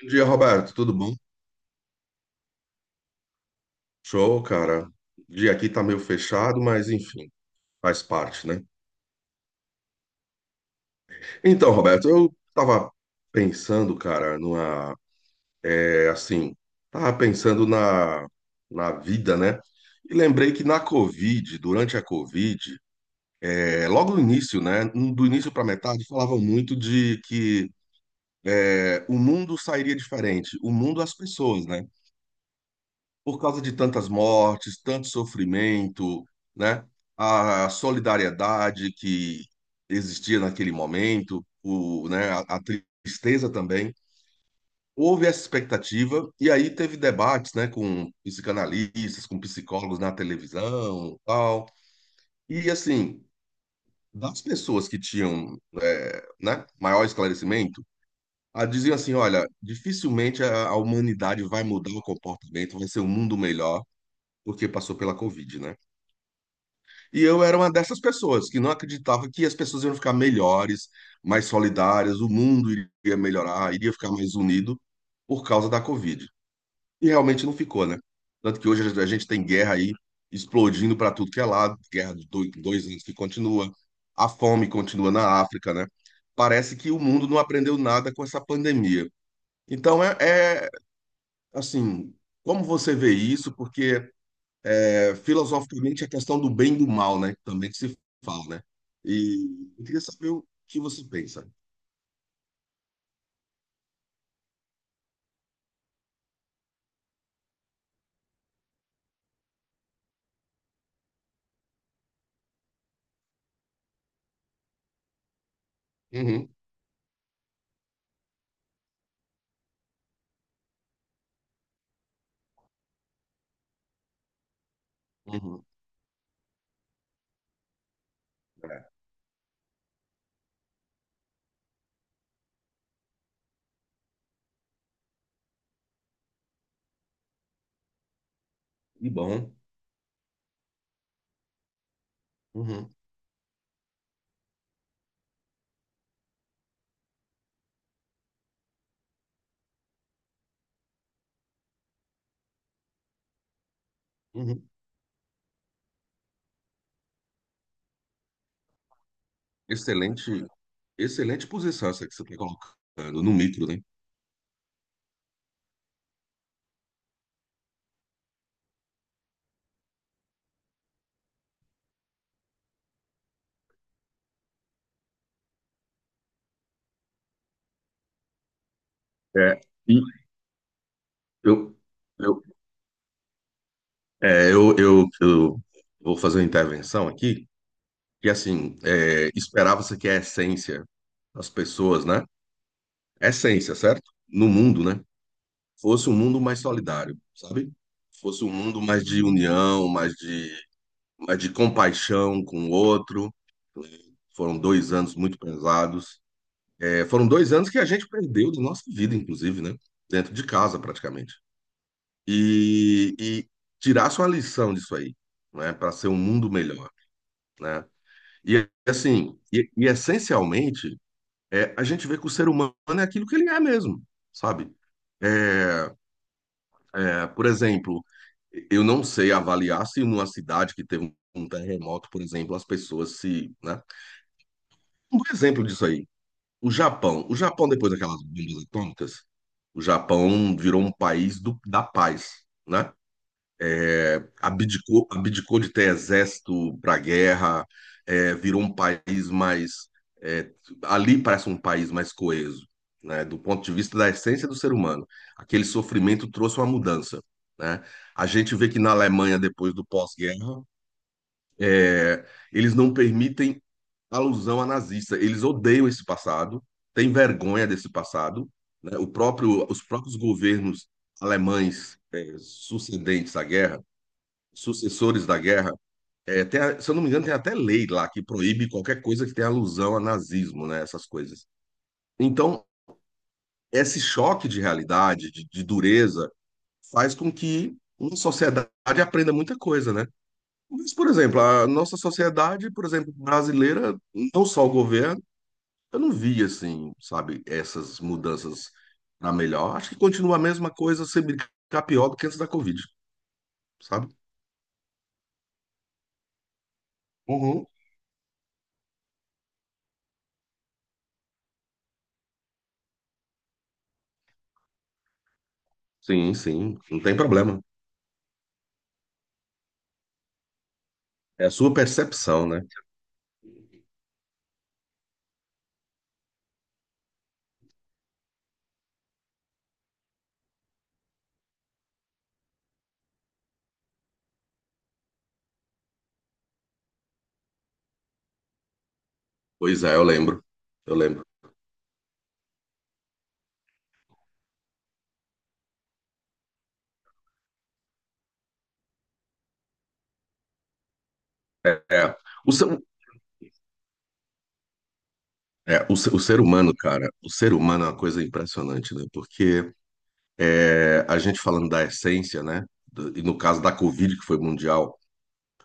Bom dia, Roberto. Tudo bom? Show, cara. O dia aqui tá meio fechado, mas enfim, faz parte, né? Então, Roberto, eu tava pensando, cara, numa, é assim, tava pensando na vida, né? E lembrei que na Covid, durante a Covid, logo no início, né? Do início pra metade, falavam muito de que o mundo sairia diferente, o mundo, as pessoas, né? Por causa de tantas mortes, tanto sofrimento, né? A solidariedade que existia naquele momento, né? A tristeza também. Houve essa expectativa e aí teve debates, né? Com psicanalistas, com psicólogos na televisão, tal. E assim, das pessoas que tinham, né? Maior esclarecimento diziam assim: olha, dificilmente a humanidade vai mudar o comportamento, vai ser um mundo melhor, porque passou pela Covid, né? E eu era uma dessas pessoas que não acreditava que as pessoas iam ficar melhores, mais solidárias, o mundo iria melhorar, iria ficar mais unido por causa da Covid. E realmente não ficou, né? Tanto que hoje a gente tem guerra aí explodindo para tudo que é lado, guerra de dois anos que continua, a fome continua na África, né? Parece que o mundo não aprendeu nada com essa pandemia. Então é assim, como você vê isso? Porque filosoficamente a questão do bem e do mal, né? Também que se fala, né? E eu queria saber o que você pensa. Uhum, uhum. É, e bom. Uhum, uhum. Excelente, excelente posição essa que você está colocando no micro, né? É, e eu, eu, é, eu vou fazer uma intervenção aqui, que assim, esperava-se que a essência das pessoas, né? Essência, certo? No mundo, né? Fosse um mundo mais solidário, sabe? Fosse um mundo mais de união, mais de compaixão com o outro. Foram 2 anos muito pesados. É, foram 2 anos que a gente perdeu de nossa vida, inclusive, né? Dentro de casa, praticamente. E tirasse uma lição disso aí, né? Para ser um mundo melhor, né? E assim, e essencialmente, a gente vê que o ser humano é aquilo que ele é mesmo, sabe? É, por exemplo, eu não sei avaliar se numa cidade que teve um terremoto, por exemplo, as pessoas se, né? Um exemplo disso aí, o Japão. O Japão, depois daquelas bombas atômicas, o Japão virou um país do, da paz, né? Abdicou, abdicou de ter exército para guerra, virou um país mais. é, ali parece um país mais coeso, né, do ponto de vista da essência do ser humano. Aquele sofrimento trouxe uma mudança. Né? A gente vê que na Alemanha, depois do pós-guerra, é, eles não permitem alusão a nazista, eles odeiam esse passado, têm vergonha desse passado. Né? O próprio, os próprios governos alemães, sucedentes à guerra sucessores da guerra, se eu não me engano, tem até lei lá que proíbe qualquer coisa que tenha alusão a nazismo, né? Essas coisas. Então, esse choque de realidade, de dureza, faz com que uma sociedade aprenda muita coisa, né? Mas, por exemplo, a nossa sociedade, por exemplo, brasileira, não só o governo, eu não vi, assim, sabe, essas mudanças para melhor. Acho que continua a mesma coisa, se brincar pior do que antes da Covid, sabe? Uhum. Sim, sim, não tem problema. É a sua percepção, né? Pois é, eu lembro. Eu lembro. É, o, ser- o ser humano, cara, o ser humano é uma coisa impressionante, né? Porque a gente falando da essência, né? E no caso da Covid, que foi mundial.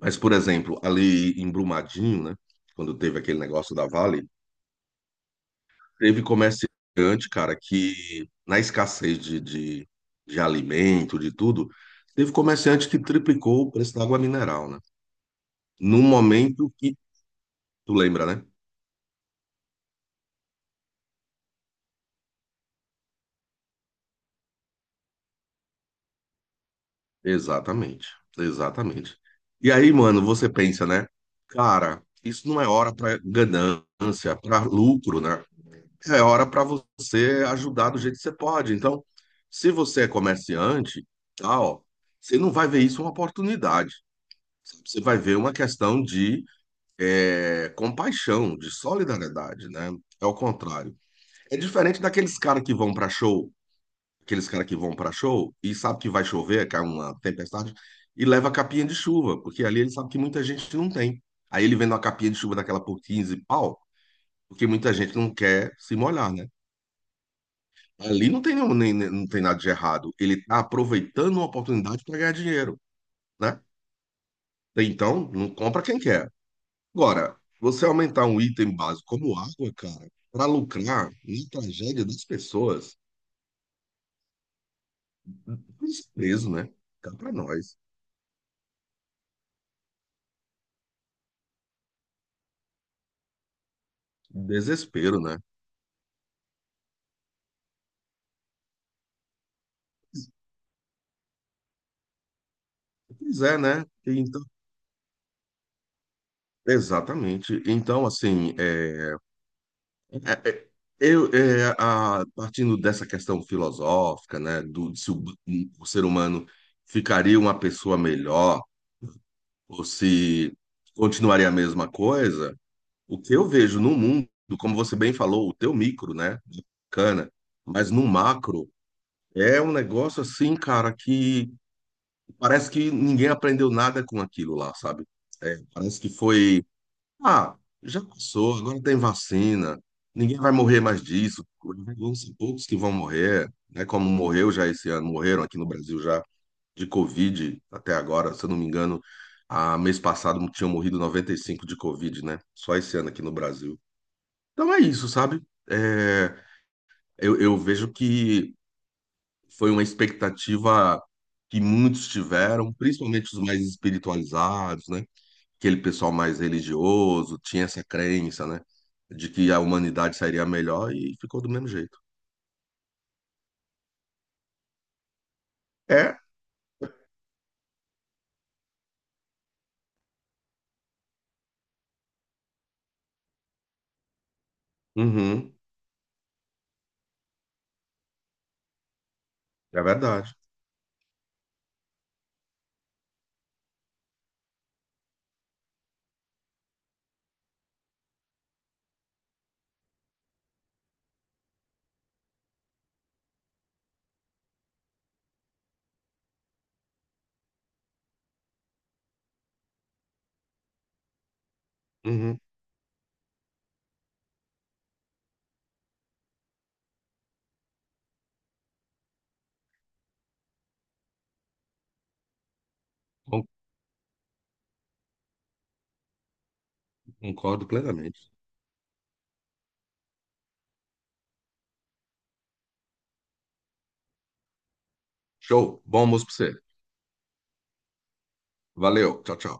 Mas, por exemplo, ali em Brumadinho, né? Quando teve aquele negócio da Vale, teve comerciante, cara, que na escassez de alimento, de tudo, teve comerciante que triplicou o preço da água mineral, né? Num momento que, tu lembra, né? Exatamente, exatamente. E aí, mano, você pensa, né? Cara, isso não é hora para ganância, para lucro, né? É hora para você ajudar do jeito que você pode. Então, se você é comerciante, tá, ó, você não vai ver isso uma oportunidade. Você vai ver uma questão de compaixão, de solidariedade, né? É o contrário. É diferente daqueles caras que vão para show e sabe que vai chover, cai uma tempestade, e leva a capinha de chuva, porque ali ele sabe que muita gente não tem. Aí ele vende uma capinha de chuva daquela por 15 pau, porque muita gente não quer se molhar, né? Ali não tem, nenhum, nem, nem- não tem nada de errado. Ele está aproveitando uma oportunidade para ganhar dinheiro, né? Então, não compra quem quer. Agora, você aumentar um item básico como água, cara, para lucrar na tragédia das pessoas, desprezo, né? Cá para nós. Desespero, né? Pois é, né? Então, exatamente. Então, assim, é- é- eu, a, partindo dessa questão filosófica, né, do, de, se o ser humano ficaria uma pessoa melhor ou se continuaria a mesma coisa, o que eu vejo no mundo, como você bem falou, o teu micro, né, bacana, mas no macro é um negócio assim, cara, que parece que ninguém aprendeu nada com aquilo lá, sabe? É, parece que foi ah, já passou, agora tem vacina, ninguém vai morrer mais disso, vão ser poucos que vão morrer, né? Como morreu já esse ano, morreram aqui no Brasil já de Covid até agora, se eu não me engano, a mês passado tinham morrido 95 de Covid, né? Só esse ano aqui no Brasil. Então é isso, sabe? É, eu vejo que foi uma expectativa que muitos tiveram, principalmente os mais espiritualizados, né? Aquele pessoal mais religioso tinha essa crença, né? De que a humanidade sairia melhor e ficou do mesmo jeito. É, uhum, é verdade. Uhum, con- concordo plenamente. Show, bom almoço pra você. Valeu, tchau, tchau.